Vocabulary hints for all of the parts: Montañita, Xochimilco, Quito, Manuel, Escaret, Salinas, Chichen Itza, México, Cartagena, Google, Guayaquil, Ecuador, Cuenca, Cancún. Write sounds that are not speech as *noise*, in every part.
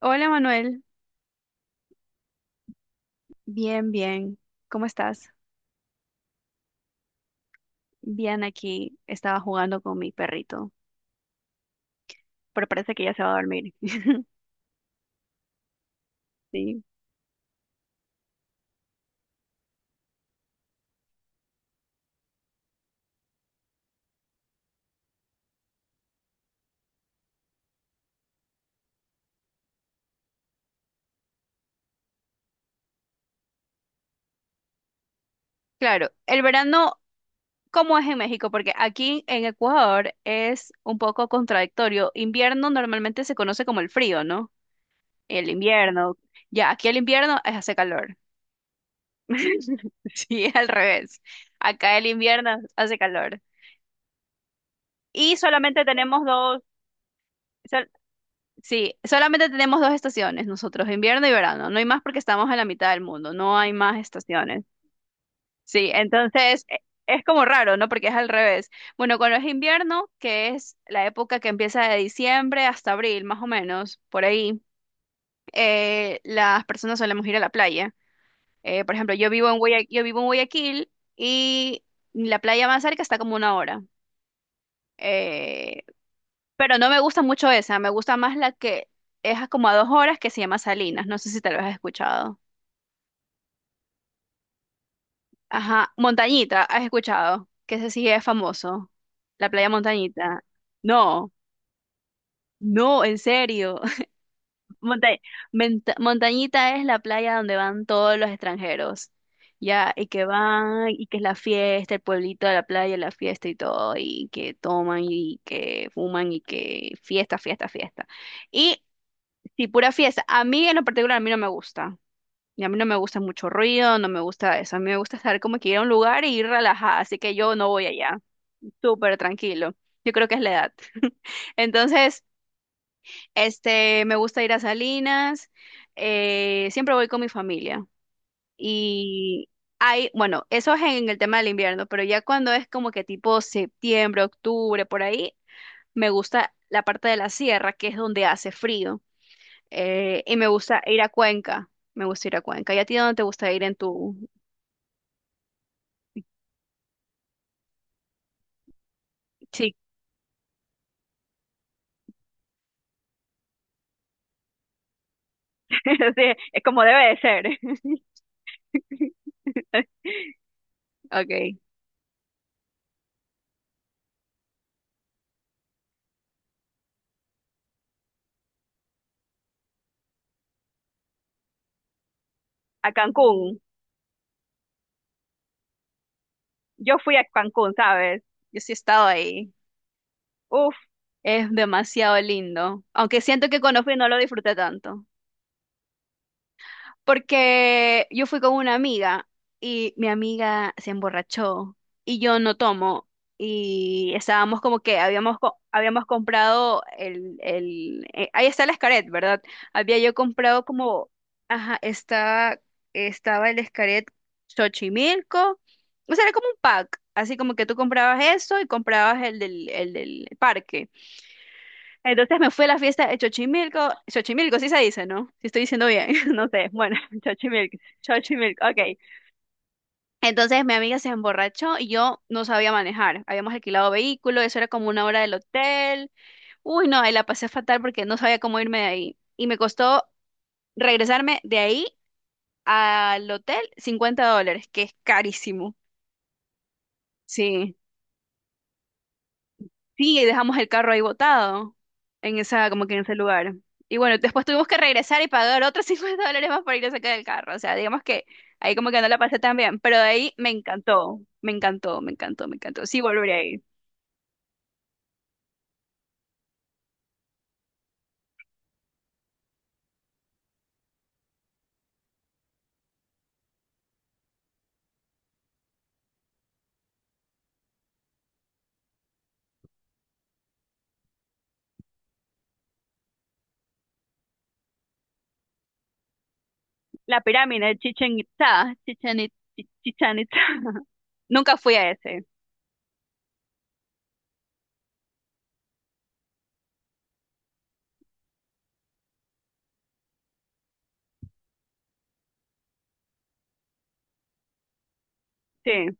Hola Manuel, bien, bien. ¿Cómo estás? Bien, aquí estaba jugando con mi perrito, pero parece que ya se va a dormir. *laughs* Sí. Claro, el verano, ¿cómo es en México? Porque aquí en Ecuador es un poco contradictorio. Invierno normalmente se conoce como el frío, ¿no? El invierno. Ya, aquí el invierno hace calor. *laughs* Sí, al revés. Acá el invierno hace calor. Y solamente tenemos dos. Sí, solamente tenemos dos estaciones nosotros, invierno y verano. No hay más porque estamos en la mitad del mundo, no hay más estaciones. Sí, entonces es como raro, ¿no? Porque es al revés. Bueno, cuando es invierno, que es la época que empieza de diciembre hasta abril, más o menos, por ahí, las personas solemos ir a la playa. Por ejemplo, yo vivo en Guayaquil y la playa más cerca está como una hora. Eh, Pero no me gusta mucho esa, me gusta más la que es a como a 2 horas que se llama Salinas, no sé si tal vez has escuchado. Ajá, Montañita, has escuchado, que ese sí es famoso, la playa Montañita. No, no, en serio. *laughs* Monta- Montañita es la playa donde van todos los extranjeros, ya, y que van, y que es la fiesta, el pueblito de la playa, la fiesta y todo, y que toman, y que fuman, y que fiesta, fiesta, fiesta. Y sí, pura fiesta. A mí en lo particular, a mí no me gusta. Y a mí no me gusta mucho ruido, no me gusta eso. A mí me gusta estar como que ir a un lugar y ir relajada, así que yo no voy allá. Súper tranquilo. Yo creo que es la edad. *laughs* Entonces, me gusta ir a Salinas, siempre voy con mi familia. Y hay, bueno, eso es en el tema del invierno, pero ya cuando es como que tipo septiembre, octubre, por ahí, me gusta la parte de la sierra, que es donde hace frío. Y me gusta ir a Cuenca. Me gusta ir a Cuenca. ¿Y a ti dónde te gusta ir en tu... Sí, *laughs* sí, es como debe de ser. *laughs* Okay. A Cancún. Yo fui a Cancún, ¿sabes? Yo sí he estado ahí. Uf, es demasiado lindo. Aunque siento que cuando fui no lo disfruté tanto. Porque yo fui con una amiga y mi amiga se emborrachó y yo no tomo. Y estábamos como que habíamos comprado el ahí está el Escaret, ¿verdad? Había yo comprado como, ajá, estaba el Escaret Xochimilco. O sea, era como un pack. Así como que tú comprabas eso y comprabas el del parque. Entonces me fui a la fiesta de Xochimilco. Xochimilco, sí se dice, ¿no? Si estoy diciendo bien, *laughs* no sé. Bueno, *laughs* Xochimilco, Xochimilco, ok. Entonces mi amiga se emborrachó y yo no sabía manejar. Habíamos alquilado vehículo, eso era como una hora del hotel. Uy, no, ahí la pasé fatal porque no sabía cómo irme de ahí. Y me costó regresarme de ahí al hotel $50, que es carísimo. Sí. Sí, y dejamos el carro ahí botado, en esa, como que en ese lugar. Y bueno, después tuvimos que regresar y pagar otros *laughs* $50 más para ir a sacar el carro. O sea, digamos que ahí como que no la pasé tan bien, pero de ahí me encantó, me encantó, me encantó, me encantó. Sí, volveré ahí. La pirámide de Chichen Itza, Chichen Itza, Chichen Itza. *laughs* Nunca fui a ese. Sí.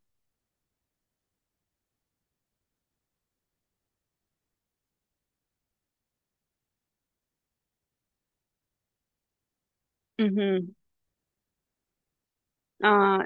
Ujú. Ah,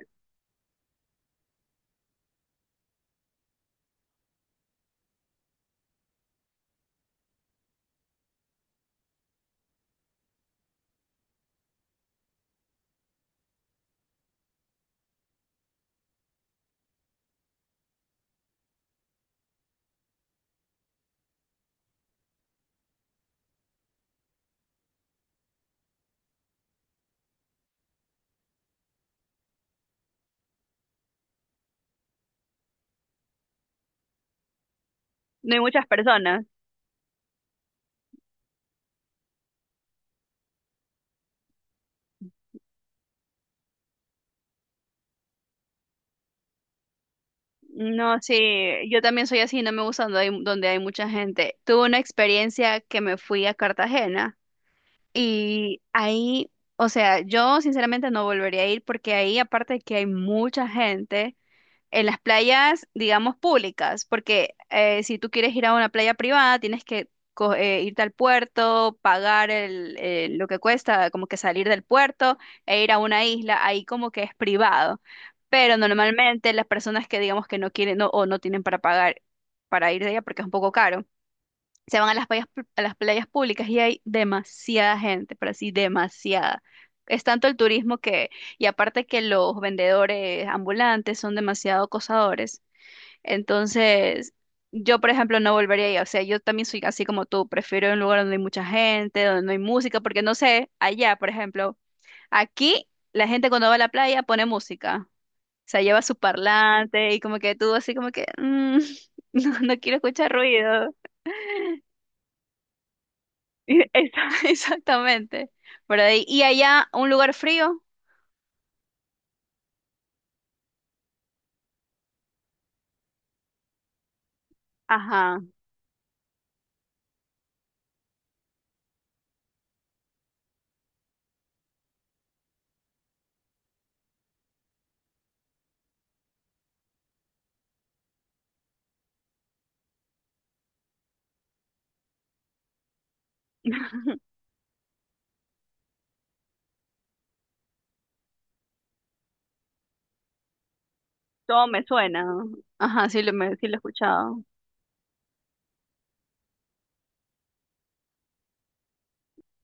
no hay muchas personas. No, sí, yo también soy así, no me gusta donde hay mucha gente. Tuve una experiencia que me fui a Cartagena. Y ahí, o sea, yo sinceramente no volvería a ir porque ahí, aparte de que hay mucha gente, en las playas, digamos, públicas, porque si tú quieres ir a una playa privada, tienes que irte al puerto, pagar lo que cuesta, como que salir del puerto e ir a una isla, ahí como que es privado. Pero normalmente las personas que digamos que no quieren no- o no tienen para pagar para ir de allá porque es un poco caro se van a las playas públicas y hay demasiada gente, pero así demasiada. Es tanto el turismo que, y aparte que los vendedores ambulantes son demasiado acosadores. Entonces, yo, por ejemplo, no volvería ahí. O sea, yo también soy así como tú, prefiero un lugar donde hay mucha gente, donde no hay música, porque no sé, allá, por ejemplo, aquí la gente cuando va a la playa pone música. O sea, lleva su parlante y como que tú así como que, "Mm, *laughs* no, no quiero escuchar ruido. *laughs* Exactamente. Por ahí. Y allá, un lugar frío. Ajá. *laughs* Todo me suena. Ajá, sí lo he escuchado.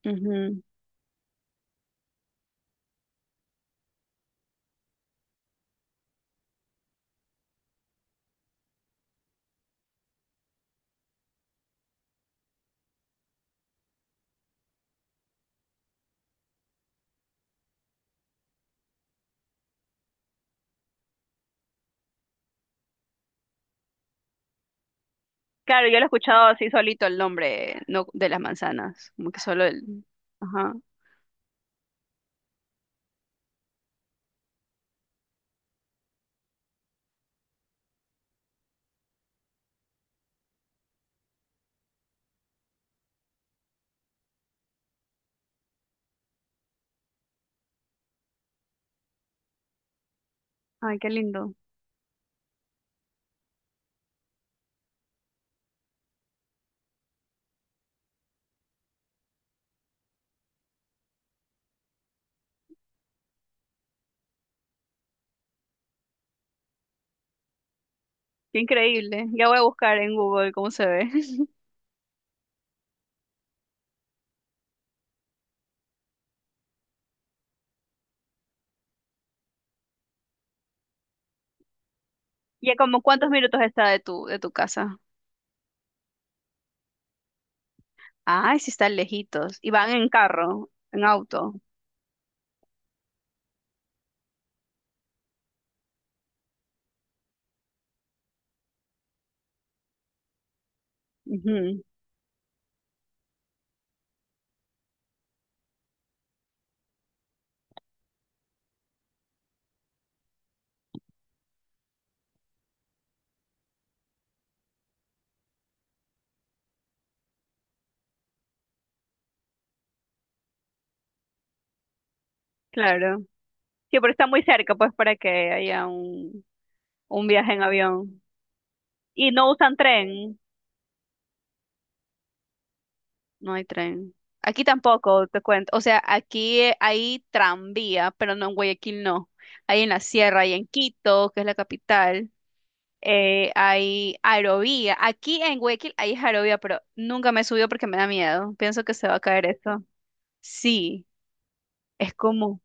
Ujú. Claro, yo lo he escuchado así solito el nombre, no de las manzanas. Como que solo el. Ajá. Ay, qué lindo. Qué increíble. Ya voy a buscar en Google cómo se ve. *laughs* ¿Y a como cuántos minutos está de tu casa? Ay, sí están lejitos. Y van en carro, en auto. Ujú. Claro. Sí, pero está muy cerca, pues, para que haya un viaje en avión. Y no usan tren, no hay tren. Aquí tampoco, te cuento. O sea, aquí hay tranvía, pero no en Guayaquil, no. Hay en la sierra y en Quito, que es la capital. Eh, hay aerovía. Aquí en Guayaquil hay aerovía, pero nunca me subió porque me da miedo. Pienso que se va a caer esto. Sí, es como,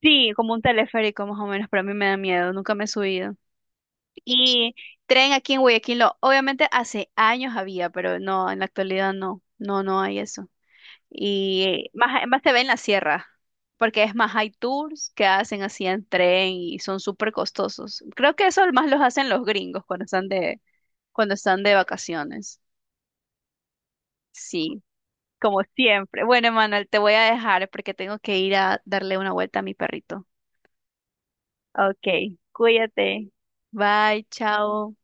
sí, como un teleférico más o menos, pero a mí me da miedo. Nunca me he subido. Y tren aquí en Guayaquil, lo- obviamente hace años había, pero no, en la actualidad no, no, no hay eso. Y más te ve en la sierra, porque es más hay tours que hacen así en tren y son súper costosos. Creo que eso más los hacen los gringos cuando están de vacaciones. Sí, como siempre. Bueno, Manuel, te voy a dejar porque tengo que ir a darle una vuelta a mi perrito. Ok, cuídate. Bye, chao.